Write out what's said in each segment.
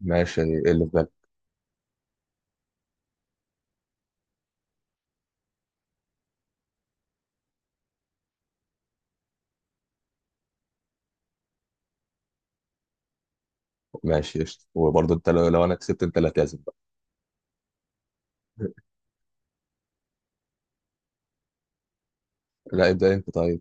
ماشي، ايه اللي في بالك؟ ماشي قشطة، وبرضه انت لو انا كسبت انت اللي هتعزم بقى. لا ابدأ انت طيب.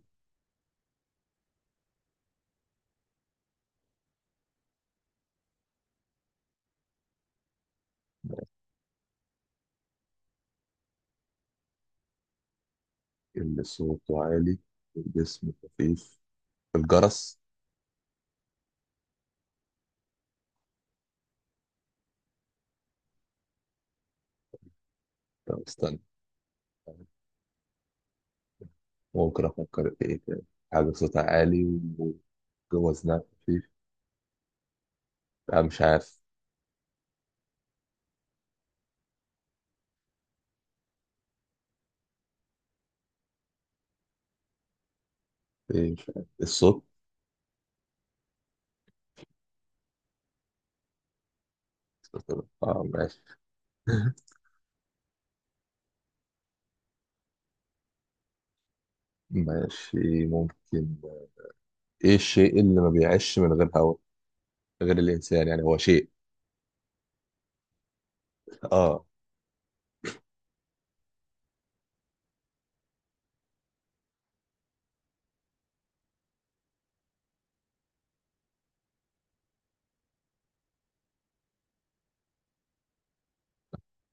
اللي صوته عالي والجسم خفيف، الجرس. طب استنى، ممكن افكر في ايه تاني. حاجة صوتها عالي وجوه وزنها خفيف. لا مش عارف. ايه مش عارف الصوت. اه ماشي. ماشي ممكن. ايه الشيء اللي ما بيعيش من غير هواء غير الانسان؟ يعني هو شيء. اه.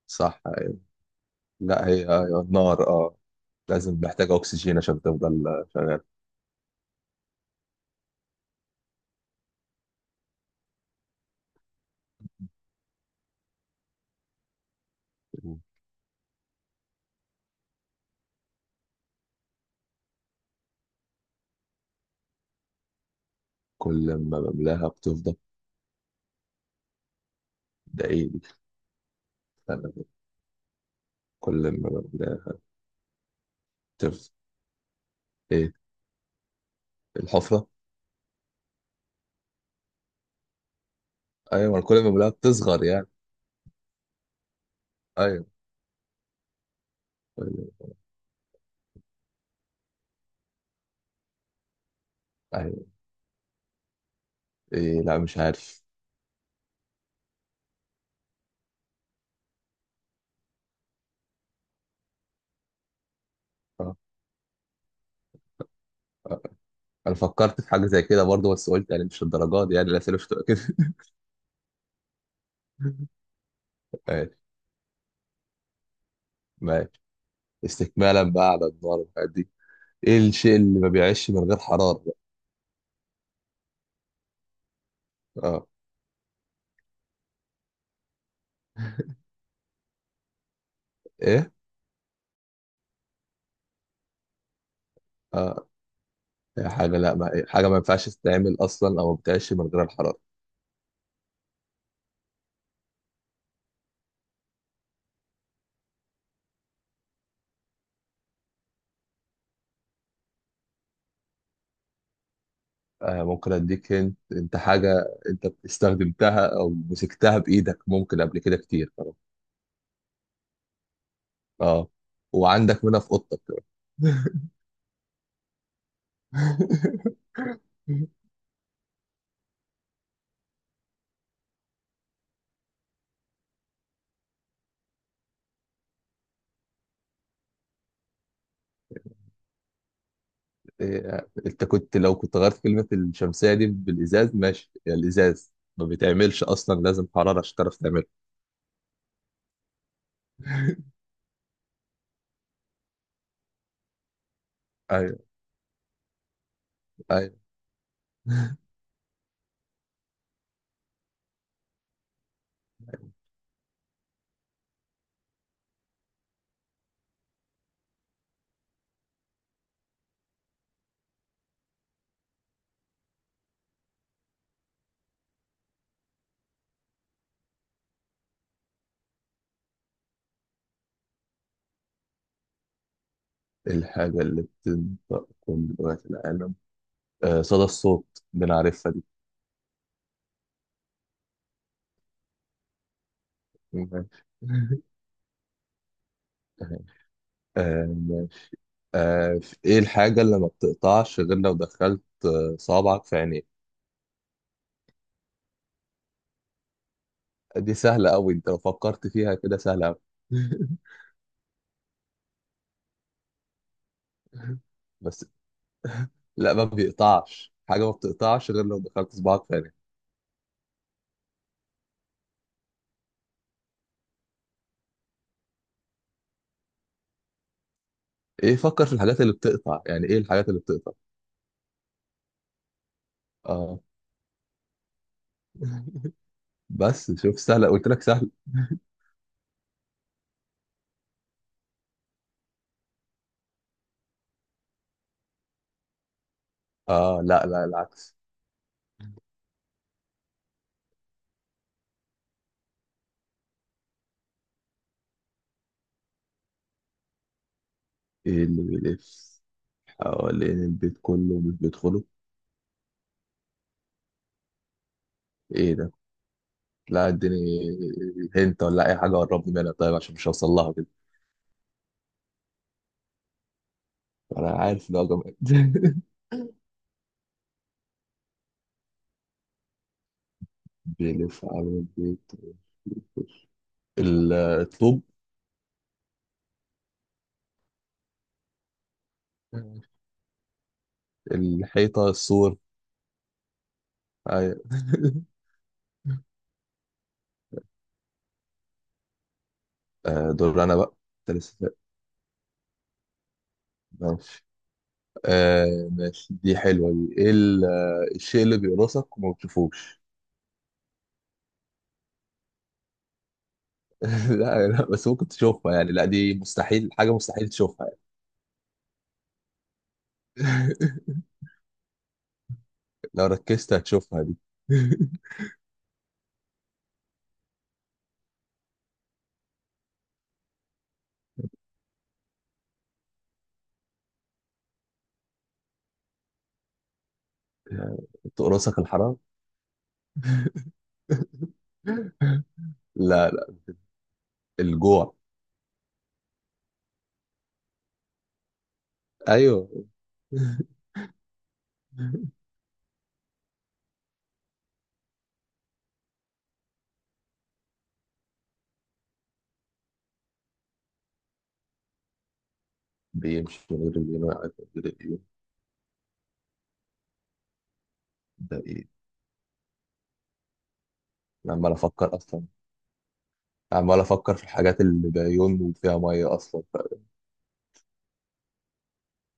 صح أيوة. لا هي ايوه نار اه. لازم محتاجة أكسجين عشان تفضل شغال. كل ما بملاها بتفضل. ده إيه دي؟ أنا كل ما بملاها بتفضل. إيه، الحفرة. أيوة أنا كل ما بملاها بتصغر يعني. أيوة. أيوة. إيه، لا مش عارف. آه، آه. أنا فكرت في حاجة زي كده برضه، بس قلت يعني مش الدرجات دي، يعني الأسئلة مش هتبقى كده. ماشي ماشي. استكمالا بقى على النار والحاجات دي، إيه الشيء اللي ما بيعيش من غير حرارة بقى؟ آه. إيه؟ آه، هي حاجة، لا ما حاجة ما ينفعش تتعمل أصلا أو ما بتعيش من غير الحرارة. آه، ممكن اديك انت, انت حاجه انت استخدمتها او مسكتها بايدك ممكن قبل كده كتير طبعا. اه، وعندك منها في اوضتك. إيه، انت كنت لو كنت غيرت كلمه الشمسيه دي بالازاز، ماشي يا الازاز ما بيتعملش اصلا، لازم حراره عشان تعرف تعمله. ايوه. ايوه. الحاجه اللي بتنطق كل لغات العالم، آه صدى الصوت، بنعرفها دي. آه. آه، ايه الحاجه اللي ما بتقطعش غير لو دخلت صابعك في عينيك؟ دي سهلة أوي، أنت لو فكرت فيها كده سهلة أوي. بس، لا ما بيقطعش حاجة، ما بتقطعش غير لو دخلت صباعك تاني. إيه، فكر في الحاجات اللي بتقطع، يعني إيه الحاجات اللي بتقطع؟ آه. بس شوف سهلة قلت لك سهل. آه، لا لا العكس. إيه اللي بيلف حوالين البيت كله مش بيدخله؟ إيه ده؟ لا اديني، هنت ولا أي حاجة قربني منها طيب عشان مش هوصل لها كده. أنا عارف إن هو جامد. بيلف حوالين البيت، ال- الطوب. مم. الحيطة، السور. أيوة. آه، دور أنا بقى. أنت لسه سائل. ماشي. آه ماشي دي حلوة. دي إيه ال- آه، الشيء اللي بيقرصك وما بتشوفوش؟ لا لا، بس ممكن تشوفها يعني، لا دي مستحيل، حاجة مستحيل تشوفها يعني. لو ركزت هتشوفها دي. آه، تقرصك الحرام. لا لا، الجوع. أيوه. بيمشي من غير اليمين، عارف من غير اليمين، ده إيه؟ أنا عمال أفكر أصلا، عمال افكر في الحاجات اللي بعيون وفيها ميه اصلا ف...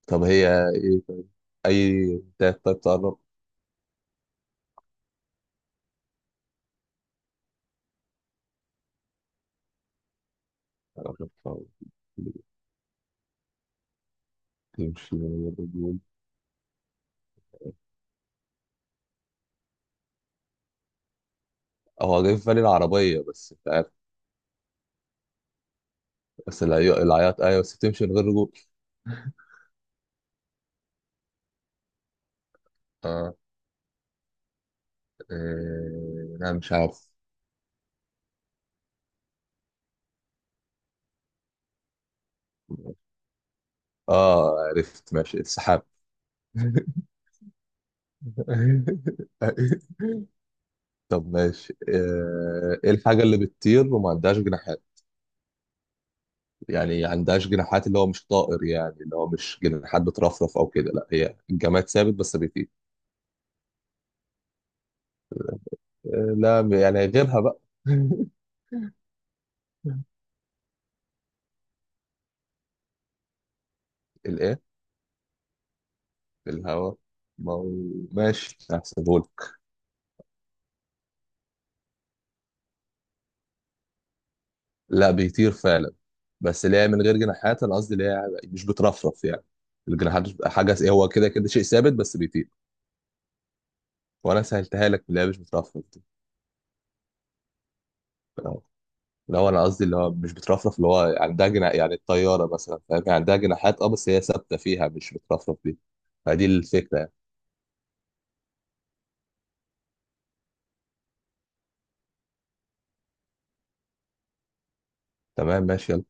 طب هي، ايه طيب؟ اي تاك طيب تقرب. أقرب. تمشي من غير رجول. هو جاي في بالي العربية بس مش عارف. بس العي- العياط أيوة، بس بتمشي من غير رجول. اه. إيه... لا مش عارف. اه عرفت، ماشي السحاب. طب ماشي، آه، ايه الحاجة اللي بتطير وما عندهاش جناحات؟ يعني عندهاش جناحات، اللي هو مش طائر، يعني اللي هو مش جناحات بترفرف او كده، لا هي الجماد ثابت بس بيطير. آه، لا يعني غيرها بقى. الايه؟ الهواء. ما هو. ماشي هحسبهولك. لا بيطير فعلا، بس اللي هي من غير جناحات انا قصدي اللي هي مش بترفرف يعني، الجناحات مش- حاجه س- هو كده كده شيء ثابت بس بيطير. وانا سهلتها لك، اللي هي مش بترفرف دي، اللي هو انا قصدي اللي هو مش بترفرف، اللي هو عندها جناح يعني الطياره مثلا، فاهم يعني عندها جناحات اه بس هي ثابته فيها مش بترفرف دي، فدي الفكره يعني. تمام ماشي يلا.